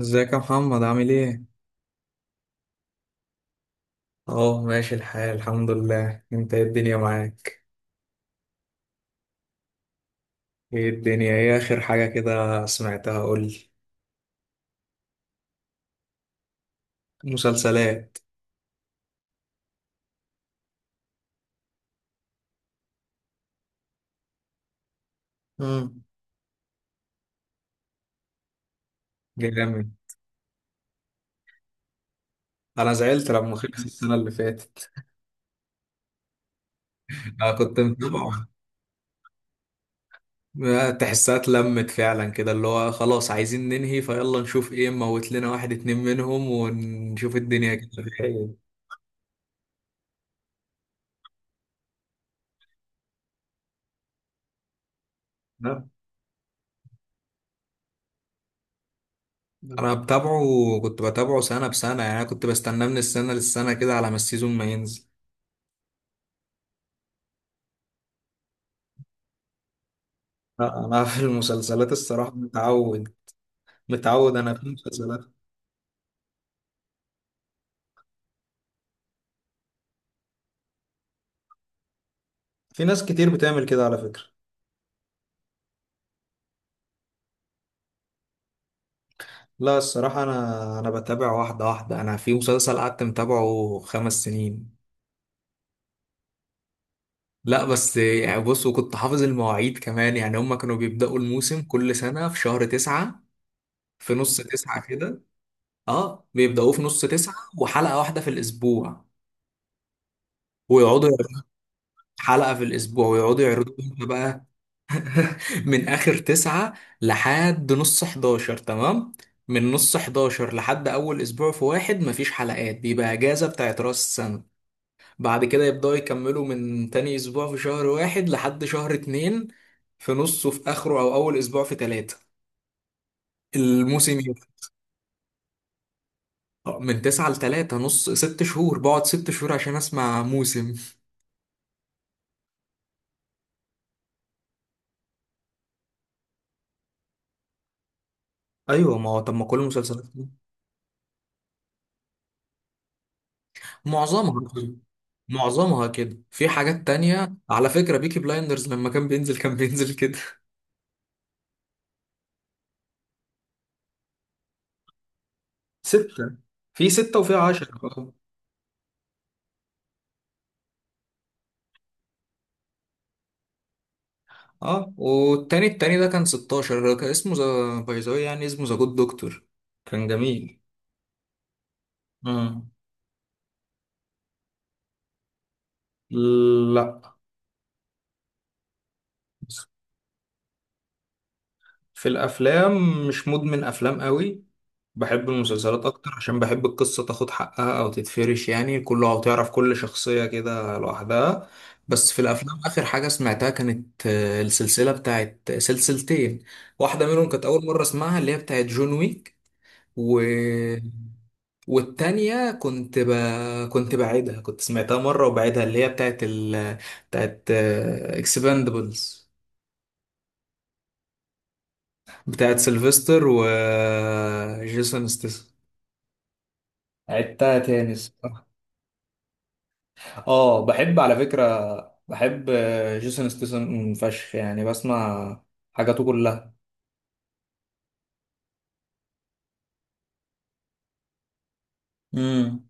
ازيك يا محمد عامل ايه؟ اه، ماشي الحال، الحمد لله. انت ايه الدنيا معاك؟ ايه الدنيا؟ ايه اخر حاجة كده سمعتها؟ قولي. مسلسلات. امم. جامد. انا زعلت لما خلص السنة اللي فاتت. انا كنت متابعه. تحسها اتلمت فعلا، كده اللي هو خلاص عايزين ننهي فيلا نشوف ايه، نموت لنا واحد اتنين منهم ونشوف الدنيا كده فيها ايه. لا، انا بتابعه. كنت بتابعه سنة بسنة، يعني انا كنت بستناه من السنة للسنة كده على ما السيزون ما ينزل. لا، انا في المسلسلات الصراحه متعود. متعود انا في المسلسلات. في ناس كتير بتعمل كده على فكره. لا، الصراحه انا بتابع واحده واحده. انا في مسلسل قعدت متابعه 5 سنين. لا بس، يعني بص، وكنت حافظ المواعيد كمان، يعني هما كانوا بيبداوا الموسم كل سنه في شهر تسعة. في نص تسعة كده. اه، بيبداوه في نص تسعة، وحلقه واحده في الاسبوع. ويقعدوا يعرضوا. حلقه في الاسبوع ويقعدوا يعرضوا. بقى من اخر تسعة لحد نص 11 تمام. من نص 11 لحد اول اسبوع في واحد مفيش حلقات، بيبقى اجازة بتاعت راس السنة. بعد كده يبدأوا يكملوا من تاني اسبوع في شهر واحد لحد شهر اتنين. في نصه، في اخره، او اول اسبوع في تلاتة الموسم يبدأ. من تسعة لتلاتة نص 6 شهور، بقعد 6 شهور عشان اسمع موسم. ايوه، ما هو طب، ما كل المسلسلات كده. معظمها كده. معظمها كده، في حاجات تانية على فكرة بيكي بلايندرز لما كان بينزل كان بينزل كده. ستة. في ستة وفي 10، اه. اه، والتاني، التاني ده كان 16. كان اسمه ذا باي ذا واي، يعني اسمه ذا جود دكتور. كان جميل. مم. لا. في الأفلام مش مدمن أفلام قوي. بحب المسلسلات أكتر، عشان بحب القصة تاخد حقها أو تتفرش، يعني كله، أو تعرف كل شخصية كده لوحدها. بس في الأفلام آخر حاجة سمعتها كانت السلسلة بتاعت سلسلتين. واحدة منهم كانت أول مرة أسمعها، اللي هي بتاعت جون ويك. و... والتانية كنت ب... كنت بعيدها، كنت سمعتها مرة وبعيدها اللي هي بتاعت اكسباندبلز، بتاعت سيلفستر وجيسون ستاثام. عدتها تاني الصراحة. اه، بحب على فكرة. بحب، جيسون ستاثام فشخ، يعني بسمع حاجاته كلها. امم،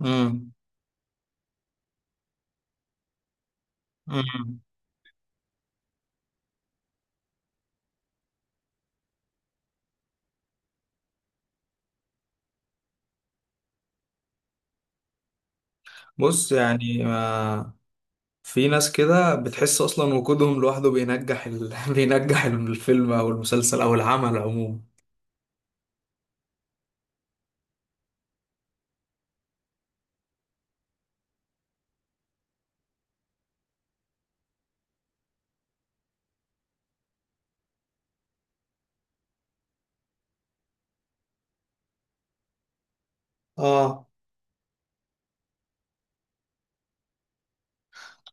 امم، امم. بص يعني. ما في ناس كده بتحس اصلا وجودهم لوحده بينجح الفيلم او المسلسل او العمل عموما. اه،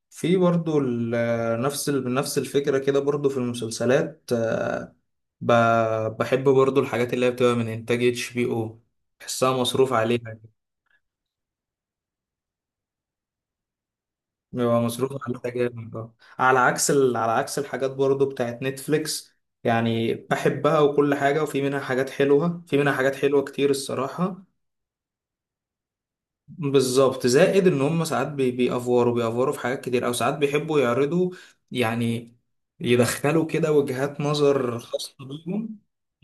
في برضو نفس الفكرة كده برضو في المسلسلات. بحب برضو الحاجات اللي هي بتبقى من إنتاج اتش بي أو، بحسها مصروف عليها كده. بيبقى مصروف عليها جامد. على على عكس الحاجات برضو بتاعت نتفليكس. يعني بحبها وكل حاجة، وفي منها حاجات حلوة، في منها حاجات حلوة كتير الصراحة. بالظبط، زائد ان هم ساعات بيأفوروا في حاجات كتير، او ساعات بيحبوا يعرضوا يعني يدخلوا كده وجهات نظر خاصة بيهم.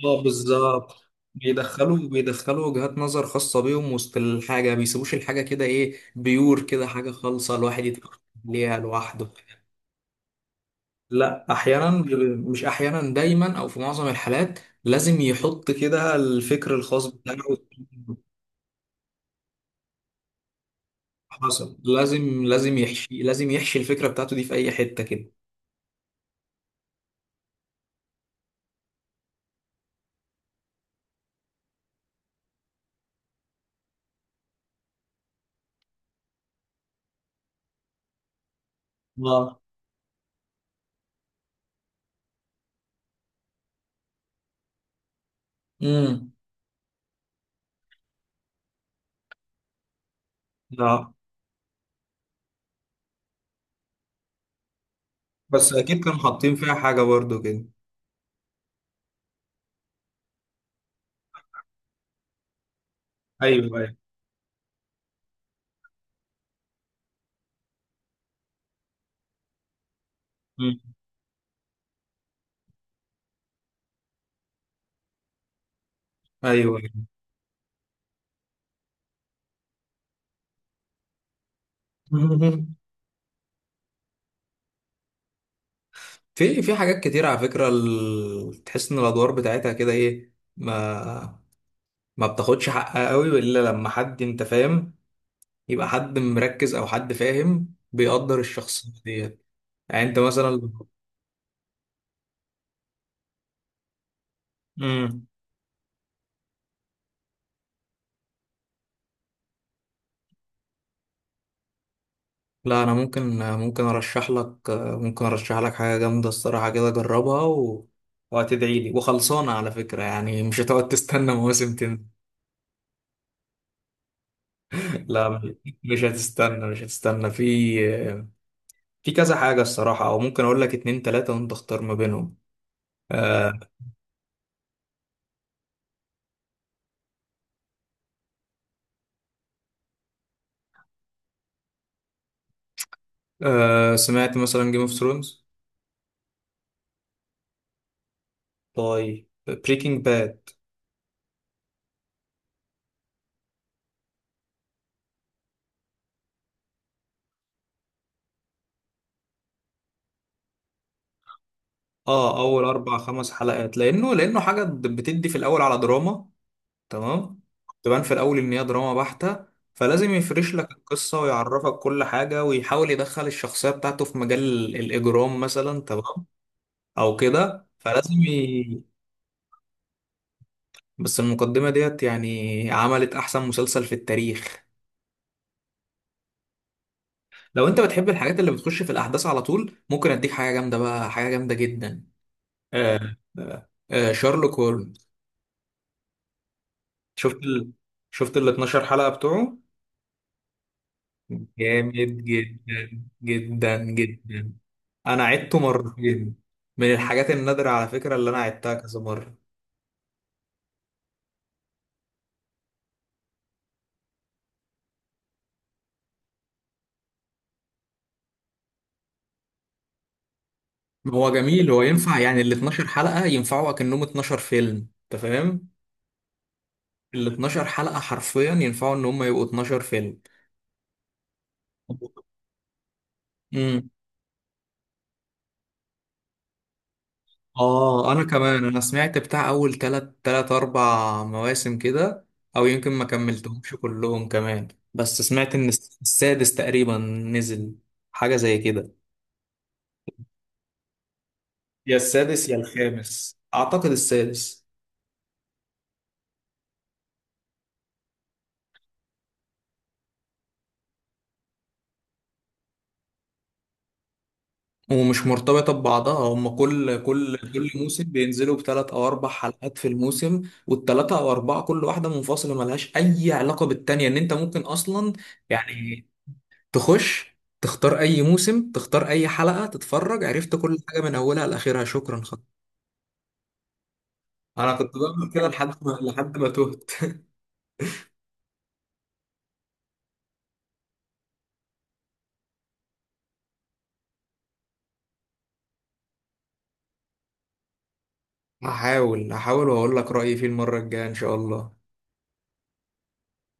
اه، بالظبط. بيدخلوا وجهات نظر خاصة بيهم وسط الحاجة، ما بيسيبوش الحاجة كده ايه بيور، كده حاجة خالصة الواحد يتفرج عليها لوحده. لا، مش احيانا، دايما او في معظم الحالات لازم يحط كده الفكر الخاص بتاعه. حصل. لازم يحشي الفكرة بتاعته دي في أي حتة كده. اه. امم. اه، بس أكيد كانوا حاطين فيها حاجة برضو كده. ايوه، ايوه. مم. أيوه، أيوة. في حاجات كتير على فكرة، تحس إن الأدوار بتاعتها كده إيه، ما ما بتاخدش حقها قوي إلا لما حد، أنت فاهم، يبقى حد مركز أو حد فاهم بيقدر الشخصية ديت. يعني أنت مثلا. مم. لا، انا ممكن ارشح لك حاجه جامده الصراحه كده، جربها، وهتدعي لي، وخلصانه على فكره يعني مش هتقعد تستنى مواسم تاني. لا. مش هتستنى في في كذا حاجه الصراحه، او ممكن اقول لك اتنين تلاته وانت اختار ما بينهم. آه آه سمعت مثلا جيم اوف ثرونز. طيب، بريكنج باد. اه، اول اربع خمس حلقات لانه حاجه بتدي في الاول على دراما. تمام. تبان في الاول ان هي دراما بحتة، فلازم يفرش لك القصة ويعرفك كل حاجة ويحاول يدخل الشخصية بتاعته في مجال الاجرام مثلا. تمام، او كده. بس المقدمة ديت يعني عملت احسن مسلسل في التاريخ. لو انت بتحب الحاجات اللي بتخش في الاحداث على طول، ممكن اديك حاجة جامدة بقى، حاجة جامدة جدا. شارلوك هولمز. شفت ال... شفت ال 12 حلقة بتوعه. جامد جدا جدا جدا. انا عدته مرتين. من الحاجات النادرة على فكرة اللي انا عدتها كذا مرة. هو جميل، هو ينفع، يعني ال 12 حلقة ينفعوا اكنهم 12 فيلم. انت فاهم، ال 12 حلقة حرفيا ينفعوا ان هم يبقوا 12 فيلم. امم. اه، انا كمان، انا سمعت بتاع اول تلات اربع مواسم كده، او يمكن ما كملتهمش كلهم كمان. بس سمعت ان السادس تقريبا نزل. حاجة زي كده. يا السادس يا الخامس، اعتقد السادس. ومش مرتبطة ببعضها، هم كل كل موسم بينزلوا بثلاث أو أربع حلقات في الموسم. والثلاثة أو أربعة كل واحدة منفصلة ملهاش أي علاقة بالتانية، إن أنت ممكن أصلا، يعني تخش تختار أي موسم، تختار أي حلقة تتفرج، عرفت كل حاجة من أولها لآخرها. شكرا خلاص. أنا كنت بعمل كده لحد ما تهت هحاول وأقول لك رأيي فيه المرة الجاية، إن شاء الله.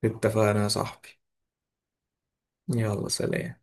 اتفقنا يا صاحبي. يلا سلام.